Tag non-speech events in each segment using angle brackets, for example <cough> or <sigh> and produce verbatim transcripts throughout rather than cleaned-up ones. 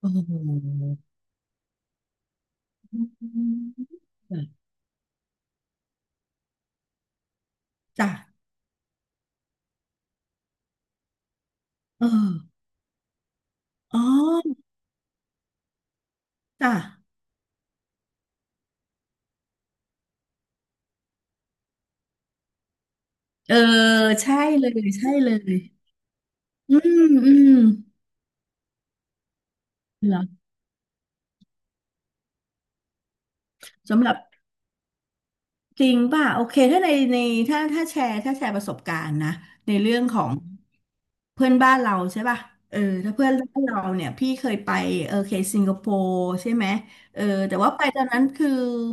โอ้โหจ้ะ เออ อ๋อ จ้ะ เออ ใช่เลย ใช่เลย อืมอืมเหรอสำหรับจริงป่ะ โอเคถ้าในในถ้าถ้าแชร์ถ้าแชร์ประสบการณ์นะในเรื่องของ เพื่อนบ้านเราใช่ป่ะเออถ้าเพื่อนบ้านเราเนี่ยพี่เคยไปเออเคสิงคโปร์ใช่ไหมเออแต่ว่าไปตอนนั้นคือ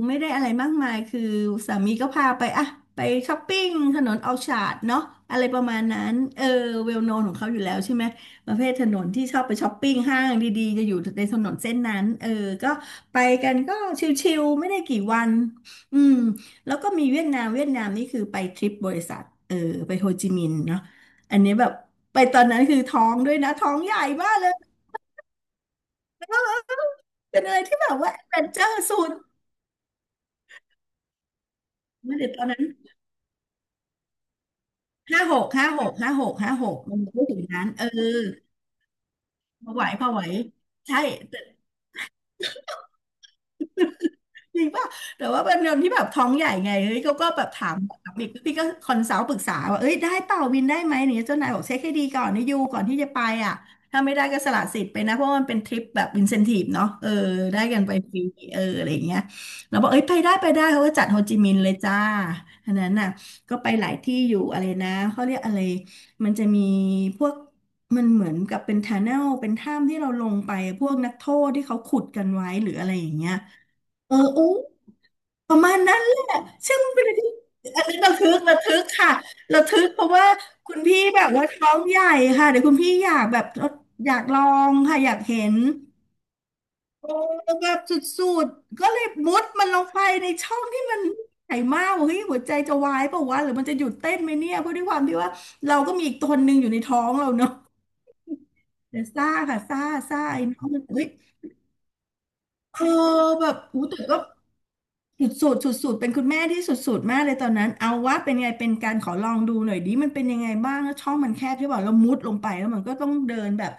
ไม่ได้อะไรมากมายคือสามีก็พาไปอะไปช้อปปิ้งถนนเอาชาดเนาะอะไรประมาณนั้นเออเวลโนนของเขาอยู่แล้วใช่ไหมประเภทถนนที่ชอบไปช้อปปิ้งห้างดีๆจะอยู่ในถนนเส้นนั้นเออก็ไปกันก็ชิลๆไม่ได้กี่วันอืมแล้วก็มีเวียดนามเวียดนามนี่คือไปทริปบริษัทเออไปโฮจิมินห์เนาะอันนี้แบบ ไปตอนนั้นคือท้องด้วยนะท้องใหญ่มากเลยเป็นอะไรที่แบบว่าแอดเวนเจอร์สุดเมื่อเด็กตอนนั้นห้าหกห้าหกห้าหกห้าหกมันไม่ถึงนั้นเออพอไหวพอไหวใช่ จริงป่ะแต่ว่าเป็นคนที่แบบท้องใหญ่ไงเฮ้ยเขาก็แบบถามแบบอีกพี่ก็คอนซัลท์ปรึกษาว่าเอ้ยได้เปล่าวินได้ไหมเนี่ยเจ้านายบอกเช็คให้ดีก่อนนี่ยูก่อนที่จะไปอ่ะถ้าไม่ได้ก็สละสิทธิ์ไปนะ เพราะว่ามันเป็นทริปแบบอินเซนทีฟเนาะเออได้กันไปฟรีเอออะไรอย่างเงี้ยเราบอกเอ้ย ไปได้ไปได้เขาก็จัดโฮจิมินห์เลยจ้าอันนั้นน่ะก็ไปหลายที่อยู่อะไรนะเขาเรียกอะไรมันจะมีพวกมันเหมือนกับเป็นทันเนลเป็นถ้ำที่เราลงไปพวกนักโทษที่เขาขุดกันไว้หรืออะไรอย่างเงี้ยเออโอ้ ประมาณนั้นแหละซึ่งมันเป็นอะไรที่อันนี้ระทึกระทึกค่ะระทึกเพราะว่าคุณพี่แบบว่าท้องใหญ่ค่ะเดี๋ยวคุณพี่อยากแบบอยากลองค่ะอยากเห็นโอ้แบบสุดๆก็เลยมุดมันลงไปในช่องที่มันใหญ่มากบอกเฮ้ยหัวใจจะวายเปล่าวะหรือมันจะหยุดเต้นไหมเนี่ยเพราะด้วยความที่ว่าเราก็มีอีกตนหนึ่งอยู่ในท้องเราเนาะแต่ซ่าค่ะซ่าซ่าไอ้น้องมันเฮ้ยเออแบบอู้แต่ก็ สุดๆสุดๆเป็นคุณแม่ที่สุดๆมากเลยตอนนั้น เอาว่าเป็นไงเป็นการขอลองดูหน่อยดิมันเป็นยังไงบ้างแล้วช่องมันแคบใช่ป่ะเรามุดลงไปแล้วมันก็ต้องเดินแบบ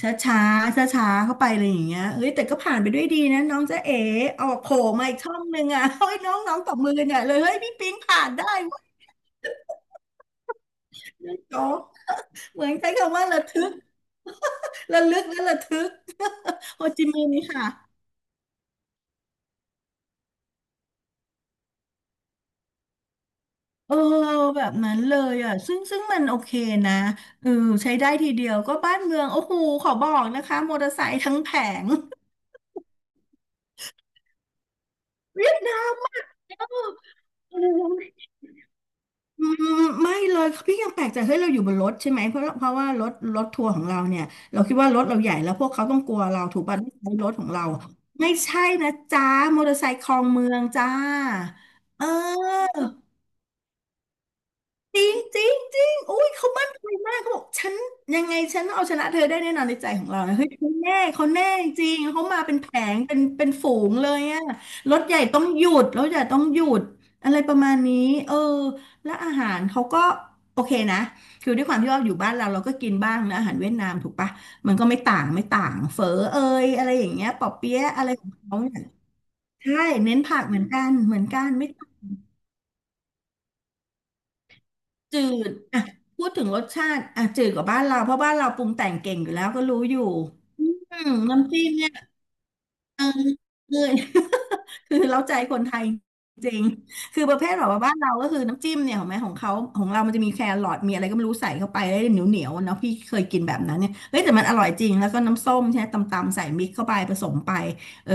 ช้าชาช้าช้าๆเข้าไปเลยอย่างเงี้ยเฮ้ยแต่ก็ผ่านไปด้วยดีนะน้องจ๊ะเอ๋เอาโผล่มาอีกช่องหนึ่งอ่ะเฮ้ยน้องน้องตบมือกันใหญ่เลยเฮ้ยพี่ปิ๊งผ่านได้เวะโจ๊กเหมือนใช้คำว่าระทึก <laughs> ระลึกและระทึกโฮจิมินห์ค่ะ เออแบบนั้นเลยอ่ะซึ่งซึ่งมันโอเคนะเออใช้ได้ทีเดียวก็บ้านเมืองโอ้โหขอบอกนะคะมอเตอร์ไซค์ทั้งแผงเวียดนามเอ่เอออืมไม่เลยพี่ยังแปลกใจเฮ้ยเราอยู่บนรถใช่ไหมเพราะเพราะว่ารถรถทัวร์ของเราเนี่ยเราคิดว่ารถเราใหญ่แล้วพวกเขาต้องกลัวเราถูกป่ะไม่ใช่รถของเราไม่ใช่นะจ้ามอเตอร์ไซค์คลองเมืองจ้าเออ จริงจริงจริงอุ้ยเขามั่นใจมากเขาบอกฉันยังไงฉันต้องเอาชนะเธอได้แน่นอนในใจของเรานะเฮ้ยเขาแน่เขาแน่จริงเขามาเป็นแผงเป็นเป็นฝูงเลยอะรถใหญ่ต้องหยุดรถใหญ่ต้องหยุดอะไรประมาณนี้เออและอาหารเขาก็โอเคนะคือด้วยความที่ว่าอยู่บ้านเราเราก็กินบ้างนะอาหารเวียดนามถูกปะมันก็ไม่ต่างไม่ต่างเฝอเอยอะไรอย่างเงี้ยปอเปี๊ยะอะไรของเขาเนี่ยใช่เน้นผักเหมือนกันเหมือนกันไม่ จืดอ่ะพูดถึงรสชาติอ่ะจืดกว่าบ้านเราเพราะบ้านเราปรุงแต่งเก่งอยู่แล้วก็รู้อยู่อืมน้ำจิ้มเนี่ยเออเออ คือเราใจคนไทยจริง คือประเภทแบบว่าบ้านเราก็คือน้ำจิ้มเนี่ยของแม่ของเขาของเรามันจะมีแครอทมีอะไรก็ไม่รู้ใส่เข้าไปแล้วเหนียวเหนียวเนาะพี่เคยกินแบบนั้นเนี่ยเฮ้ยแต่มันอร่อยจริงแล้วก็น้ำส้มใช่ไหมตำๆใส่มิกเข้าไปผสมไปเออ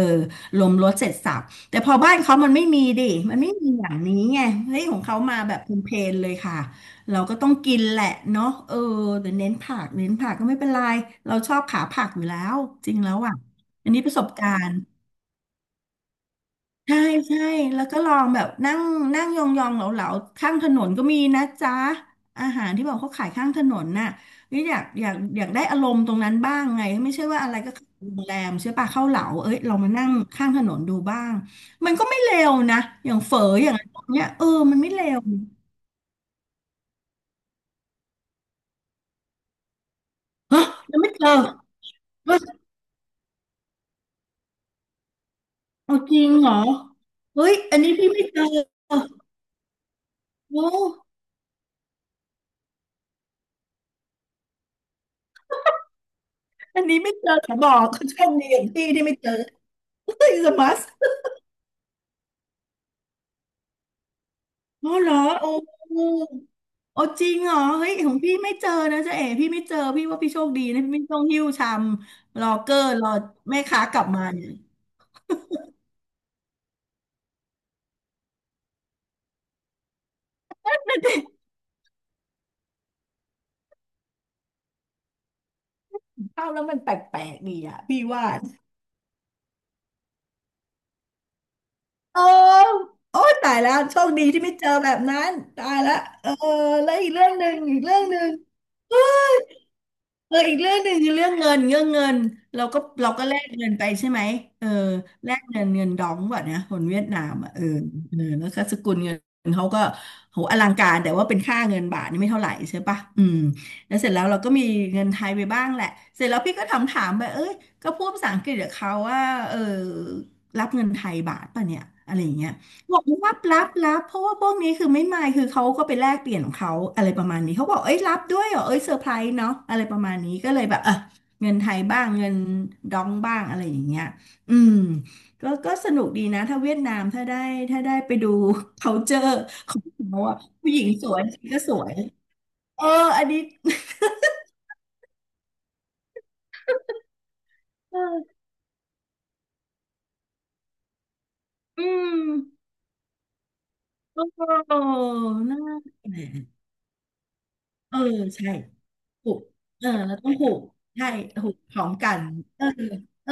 รวมรสเสร็จสรรพแต่พอบ้านเขามันไม่มีดิมันไม่มีอย่างนี้ไงเฮ้ยของเขามาแบบเพลนๆเลยค่ะเราก็ต้องกินแหละเนาะเออแต่เน้นผักเน้นผักก็ไม่เป็นไรเราชอบขาผักอยู่แล้วจริงแล้วอ่ะอันนี้ประสบการณ์ ใช่ใช่แล้วก็ลองแบบนั่งนั่งยองๆเหลาๆข้างถนนก็มีนะจ๊ะอาหารที่บอกเขาขายข้างถนนน่ะนี่อยากอยากอยากได้อารมณ์ตรงนั้นบ้างไงไม่ใช่ว่าอะไรก็เข้าโรงแรมใช่ปะเข้าเหลาเอ้ยเรามานั่งข้างถนนดูบ้างมันก็ไม่เลวนะอย่างเฝออย่างอะไรพวกเนี้ยเออมันไม่เลวเฮ้ยยังไม่เจอเฮ้ยเอาจริงเหรอเฮ้ยอันนี้พี่ไม่เจอโอ้อันนี้ไม่เจอขอบอก <laughs> โชคดีอย่างพี่ที่ไม่เจอเฮ้ยสมัส อ๋อเหรอโอ้โหโอ้จริงเหรอเฮ้ยของพี่ไม่เจอนะจ๊ะเอ๋พี่ไม่เจอพี่ว่าพี่โชคดีนะพี่ไม่ต้องหิ้วชามรอเกอร์รอแม่ค้ากลับมาเนี่ยเข้าแล้วมันแปลกๆดีอ่ะพี่ว่าเออโอ้ยตายแล้วโชคดีที่ไม่เจอแบบนั้นตายละเออแล้วอีกเรื่องหนึ่งอีกเรื่องหนึ่ง เอออีกเรื่องหนึ่งคือเรื่องเงินเรื่องเงินเราก็เราก็แลกเงินไปใช่ไหมเออแลกเงินเงินดองว่ะนะคนเวียดนามอ่ะเออเออแล้วก็สกุลเงินเขาก็โหอลังการแต่ว่าเป็นค่าเงินบาทนี่ไม่เท่าไหร่ใช่ปะอืมแล้วเสร็จแล้วเราก็มีเงินไทยไปบ้างแหละเสร็จแล้วพี่ก็ถามถามไปเอ้ยก็พูดภาษาอังกฤษกับเขาว่าเออรับเงินไทยบาทป่ะเนี่ยอะไรอย่างเงี้ย บอกรับรับรับเพราะว่าพวกนี้คือไม่มายคือเขาก็ไปแลกเปลี่ยนของเขาอะไรประมาณนี้เขาบอกเอ้ยรับด้วยเหรอเอ้ยเซอร์ไพรส์เนาะอะไรประมาณนี้ก็เลยแบบเออเงินไทยบ้างเงินดองบ้างอะไรอย่างเงี้ยอืมก็ก็สนุกดีนะถ้าเวียดนามถ้าได้ถ้าได้ไปดู culture ของเขาอะผู้หญิงสวยก็สวยเอออันนี้ <laughs> อืมโอ้น่าแหละเออใช่ ผูกเออเราต้องผูกใช่ผูกพร้อมกันเออเออ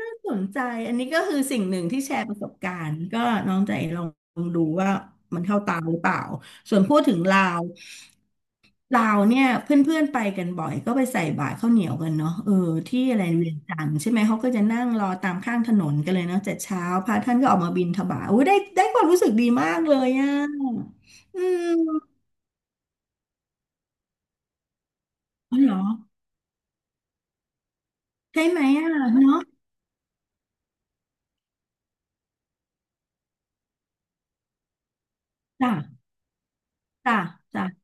น่าสนใจอันนี้ก็คือสิ่งหนึ่งที่แชร์ประสบการณ์ก็น้องใจลองดูว่ามันเข้าตาหรือเปล่าส่วนพูดถึงลาวลาวเนี่ยเพื่อนๆไปกันบ่อยก็ไปใส่บาตรข้าวเหนียวกันเนาะเออที่อะไรเวียงจันทร์ใช่ไหมเขาก็จะนั่งรอตามข้างถนนกันเลยเนาะแต่เช้าพระท่านก็ออกมาบิณฑบาตโอ้ยได้ได้ความรู้สึกดีมากเลยอ่ะอืมอ๋อเหรอใช่ไหมอ่ะเนาะจ้ะ จ้ะจ้ะ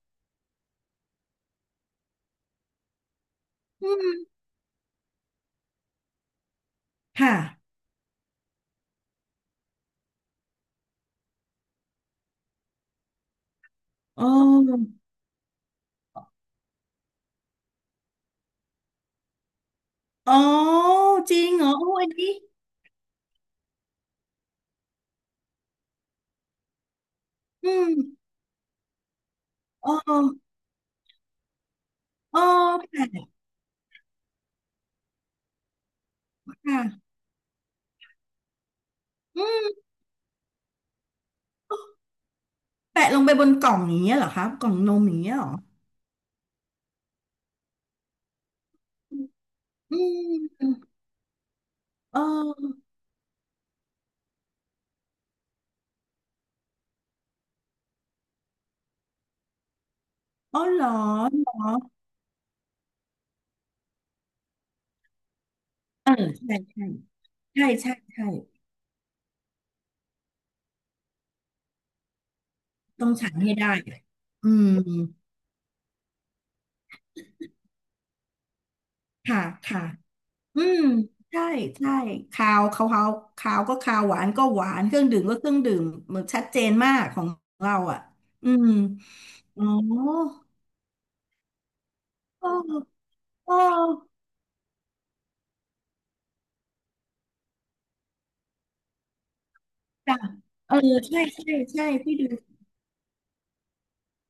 อืมค่ะอ๋ออ๋อจริงเหรอโอ้อันนี้อืมอ๋ออ๋อแปะค่ะอืมแปะลงไปบนกล่องอย่างเงี้ยเหรอคะกล่องนมอย่างเงี้ยเหรออืมเอออ๋อเหรอเหรอ ใช่ใช่ใช่ใช่ใช่ต้องฉันให้ได้อืมค่ะค่ะ อืมใช่ใช่คาวเขาเขาคาวก็คาวหวานก็หวานเครื่องดื่มก็เครื่องดื่มเหมือนชัดเจนมากของเราอ่ะอืมอ๋อเออเออจ้ะเออใช่ใช่ใช่พี่ดู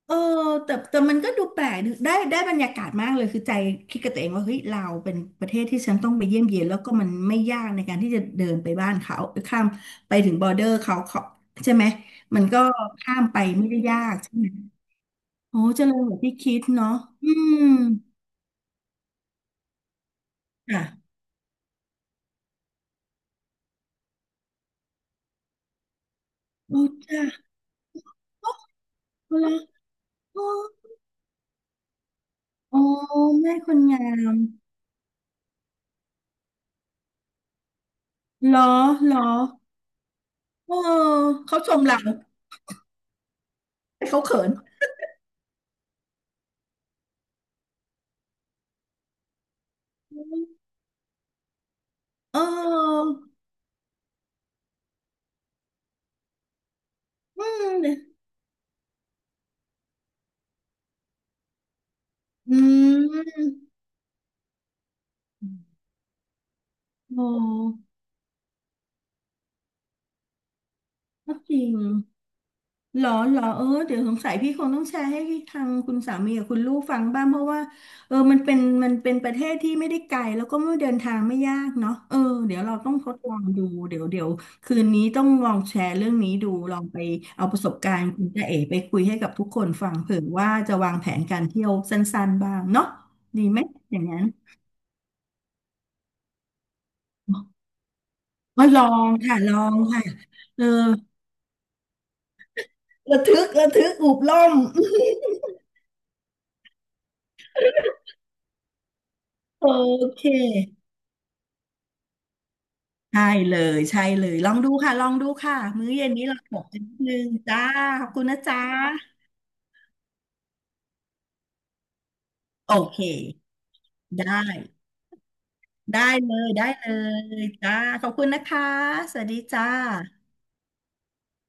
เออแต่แต่มันก็ดูแปลกดูได้ได้บรรยากาศมากเลยคือใจคิดกับตัวเองว่าเฮ้ยเราเป็นประเทศที่ฉันต้องไปเยี่ยมเยียนแล้วก็มันไม่ยากในการที่จะเดินไปบ้านเขาข้ามไปถึงบอร์เดอร์เขาเขาใช่ไหมมันก็ข้ามไปไม่ได้ยากใช่ไหม โอ้เจริญกว่าที่คิดเนาะอืมอ่ะโอ้จ้ะเอาละโอ้โอ้แม่คนงามเหรอเหรอเออเขาชมเราแต่เขาเขินเอออืม อืม โอ้ก็จริง หรอหรอเออเดี๋ยวสงสัยพี่คงต้องแชร์ให้ทางคุณสามีกับคุณลูกฟังบ้างเพราะว่าเออมันเป็นมันเป็นประเทศที่ไม่ได้ไกลแล้วก็ไม่เดินทางไม่ยากเนาะเออเดี๋ยวเราต้องทดลองดูเดี๋ยวเดี๋ยวคืนนี้ต้องลองแชร์เรื่องนี้ดูลองไปเอาประสบการณ์คุณจ๊ะเอ๋ไปคุยให้กับทุกคนฟังเผื่อว่าจะวางแผนการเที่ยวสั้นๆบ้างเนาะดีไหมอย่างนั้นมาลองค่ะลองค่ะเออระทึกระทึกอุบล่อง <laughs> โอเค ใช่เลยใช่เลยลองดูค่ะลองดูค่ะมื้อเย็นนี้เราถกกันนิดนึงจ้าขอบคุณนะจ๊ะโอเคได้ได้เลยได้เลยจ้าขอบคุณนะคะสวัสดีจ้า